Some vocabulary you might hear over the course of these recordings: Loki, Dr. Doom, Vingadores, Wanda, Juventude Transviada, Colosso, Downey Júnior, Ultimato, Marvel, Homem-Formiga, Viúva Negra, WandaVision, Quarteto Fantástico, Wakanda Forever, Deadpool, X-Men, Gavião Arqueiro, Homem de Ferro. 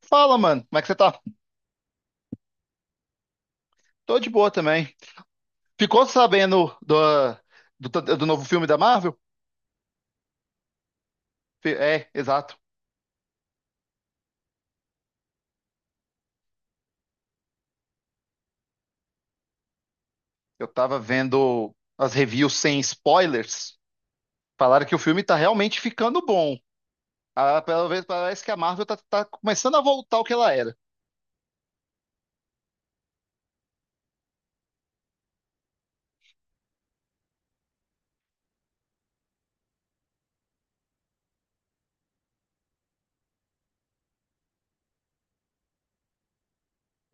Fala, mano, como é que você tá? Tô de boa também. Ficou sabendo do, do novo filme da Marvel? É, exato. Eu tava vendo as reviews sem spoilers. Falaram que o filme tá realmente ficando bom. Ah, pelo menos parece que a Marvel tá começando a voltar ao que ela era.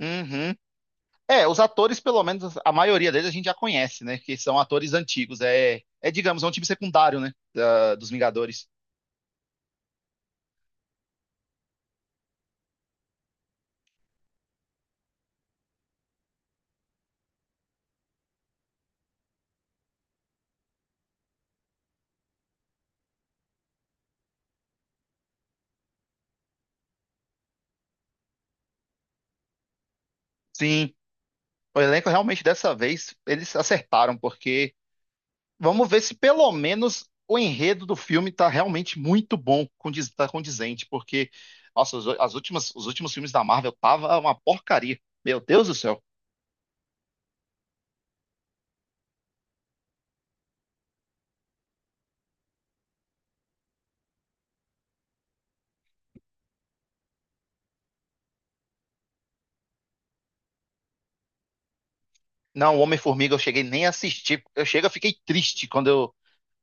Uhum. É, os atores, pelo menos a maioria deles a gente já conhece, né? Que são atores antigos. É digamos, é um time secundário, né? Dos Vingadores. Sim, o elenco realmente dessa vez eles acertaram, porque. Vamos ver se pelo menos o enredo do filme tá realmente muito bom, condiz, tá condizente, porque, nossa, os últimos filmes da Marvel tava uma porcaria. Meu Deus do céu. Não, o Homem-Formiga eu cheguei nem a assistir. Eu fiquei triste quando eu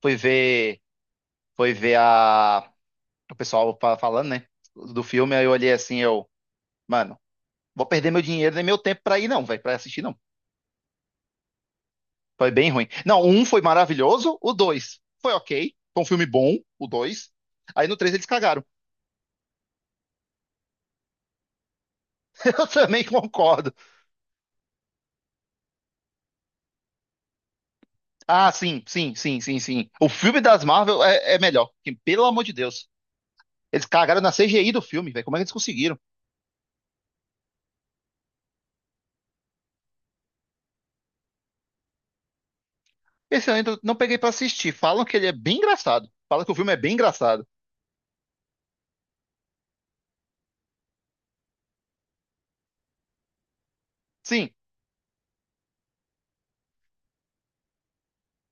fui ver, fui ver o pessoal falando, né, do filme, aí eu olhei assim, eu, mano, vou perder meu dinheiro nem meu tempo pra ir não, velho, pra assistir não. Foi bem ruim. Não, o um foi maravilhoso, o dois foi ok, foi um filme bom, o dois. Aí no três eles cagaram. Eu também concordo. Ah, sim, sim, sim, sim, sim. O filme das Marvel é melhor que, pelo amor de Deus. Eles cagaram na CGI do filme, velho. Como é que eles conseguiram? Esse eu ainda não peguei pra assistir. Falam que ele é bem engraçado. Falam que o filme é bem engraçado. Sim.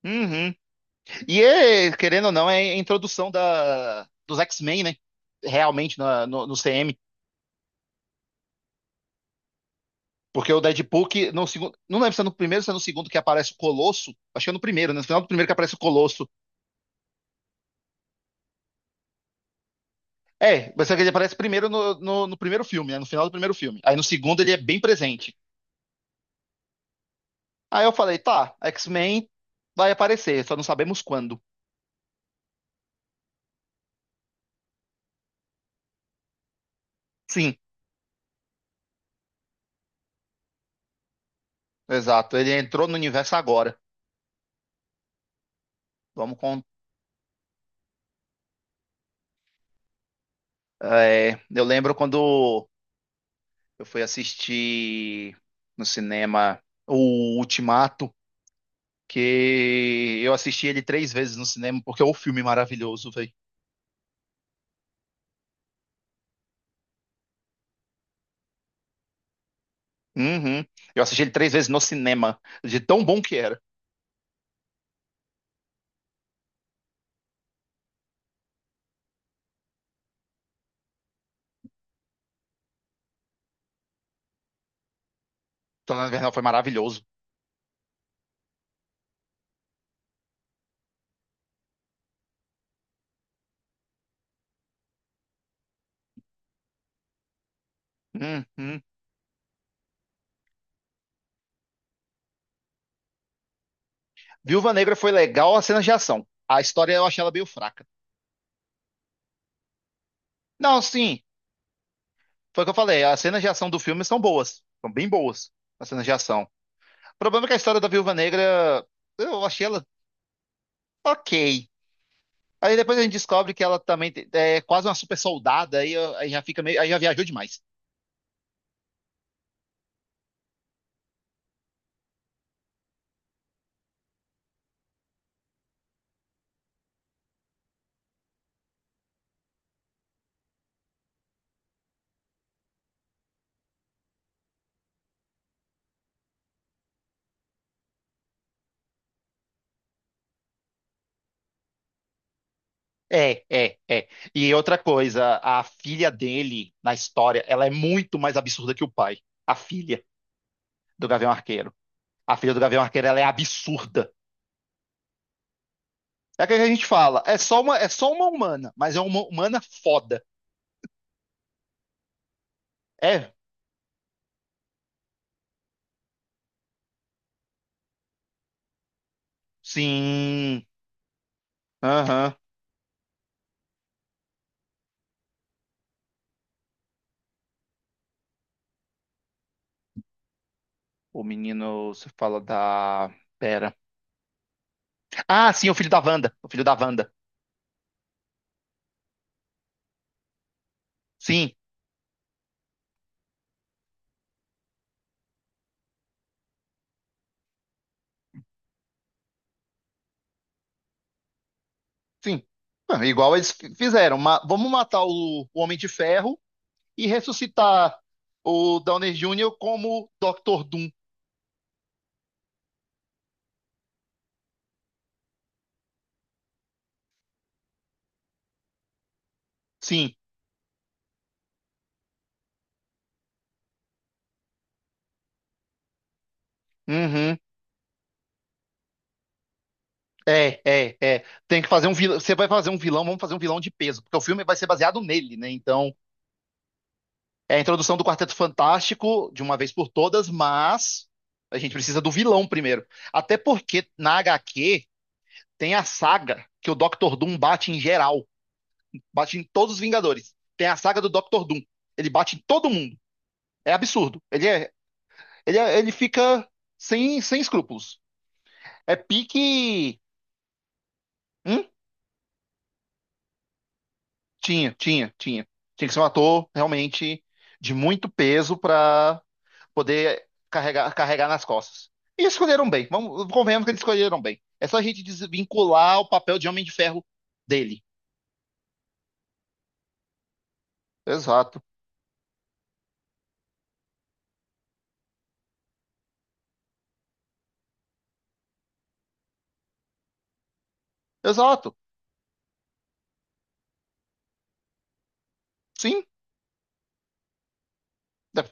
Uhum. E é, querendo ou não, é a introdução dos X-Men, né? Realmente no CM. Porque o Deadpool, que no segundo, não lembro se é no primeiro ou se é no segundo que aparece o Colosso. Acho que é no primeiro, né? No final do primeiro que aparece o Colosso. É, você que ele aparece primeiro no primeiro filme, né? No final do primeiro filme. Aí no segundo ele é bem presente. Aí eu falei, tá, X-Men vai aparecer, só não sabemos quando. Sim, exato. Ele entrou no universo agora. Vamos com. É, eu lembro quando eu fui assistir no cinema o Ultimato, que eu assisti ele três vezes no cinema, porque é um filme maravilhoso, velho. Uhum. Eu assisti ele três vezes no cinema, de tão bom que era. Então, na verdade, foi maravilhoso. Uhum. Viúva Negra foi legal as cenas de ação. A história eu achei ela meio fraca. Não, sim, foi o que eu falei. As cenas de ação do filme são boas. São bem boas as cenas de ação. O problema é que a história da Viúva Negra, eu achei ela ok. Aí depois a gente descobre que ela também é quase uma super soldada, aí, aí já fica meio, aí já viajou demais. É, é, é. E outra coisa, a filha dele na história, ela é muito mais absurda que o pai. A filha do Gavião Arqueiro. A filha do Gavião Arqueiro, ela é absurda. É o que a gente fala. É só uma humana, mas é uma humana foda. É? Sim. Aham. O menino, você fala da. Pera. Ah, sim, o filho da Wanda. O filho da Wanda. Sim, sim. Ah, igual eles fizeram. Vamos matar o Homem de Ferro e ressuscitar o Downey Júnior como Dr. Doom. Sim. Uhum. É, é, é. Tem que fazer um vilão. Você vai fazer um vilão, vamos fazer um vilão de peso, porque o filme vai ser baseado nele, né? Então. É a introdução do Quarteto Fantástico, de uma vez por todas, mas a gente precisa do vilão primeiro. Até porque na HQ tem a saga que o Dr. Doom bate em geral, bate em todos os Vingadores. Tem a saga do Dr. Doom. Ele bate em todo mundo. É absurdo. Ele fica sem escrúpulos. É pique. Hum? Tinha, tinha, tinha. Tinha que ser um ator realmente de muito peso pra poder carregar, carregar nas costas. E escolheram bem. Vamos, convenhamos que eles escolheram bem. É só a gente desvincular o papel de Homem de Ferro dele. Exato. Exato. Sim. É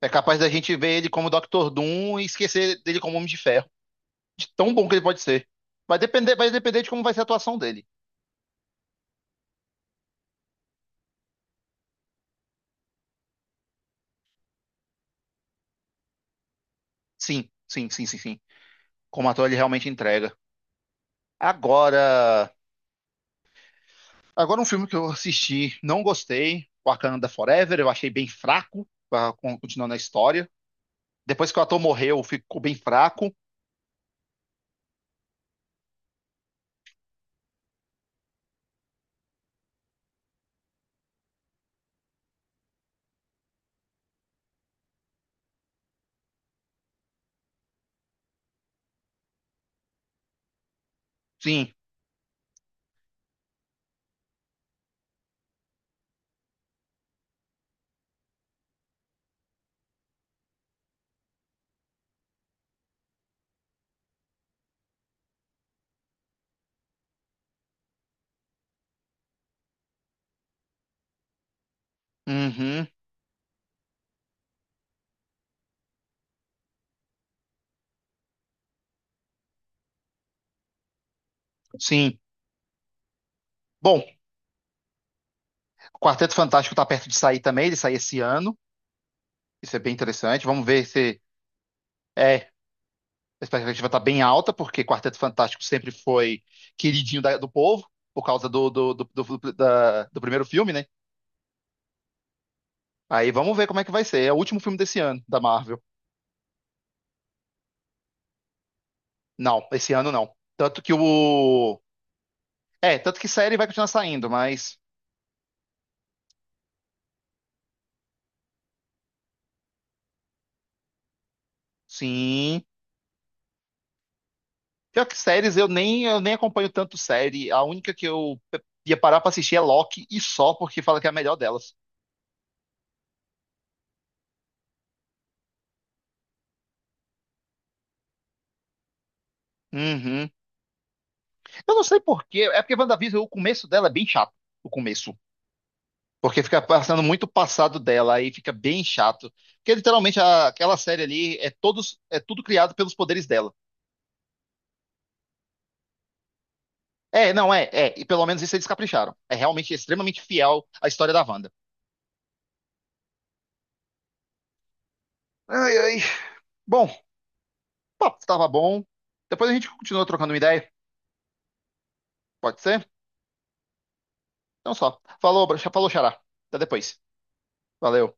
é capaz da gente ver ele como Dr. Doom e esquecer dele como Homem de Ferro. De tão bom que ele pode ser. Vai depender de como vai ser a atuação dele. Sim, sim, sim, sim, sim. Como ator ele realmente entrega. Agora, agora um filme que eu assisti, não gostei, Wakanda Forever, eu achei bem fraco, continuando a história. Depois que o ator morreu, ficou bem fraco. Sim. Uhum. Sim. Bom, o Quarteto Fantástico tá perto de sair também, ele sai esse ano. Isso é bem interessante. Vamos ver se é, a expectativa tá bem alta, porque Quarteto Fantástico sempre foi queridinho do povo, por causa do primeiro filme, né? Aí vamos ver como é que vai ser. É o último filme desse ano, da Marvel. Não, esse ano não. Tanto que o. É, tanto que série vai continuar saindo, mas. Sim. Pior que séries, eu nem acompanho tanto série. A única que eu ia parar pra assistir é Loki e só porque fala que é a melhor delas. Uhum. Eu não sei por quê. É porque WandaVision, o começo dela é bem chato. O começo. Porque fica passando muito passado dela, aí fica bem chato. Porque literalmente aquela série ali é tudo criado pelos poderes dela. É, não é, é. E pelo menos isso eles capricharam. É realmente extremamente fiel à história da Wanda. Ai, ai. Bom, o papo tava bom. Depois a gente continua trocando uma ideia. Pode ser? Então só. Falou, falou, xará. Até depois. Valeu.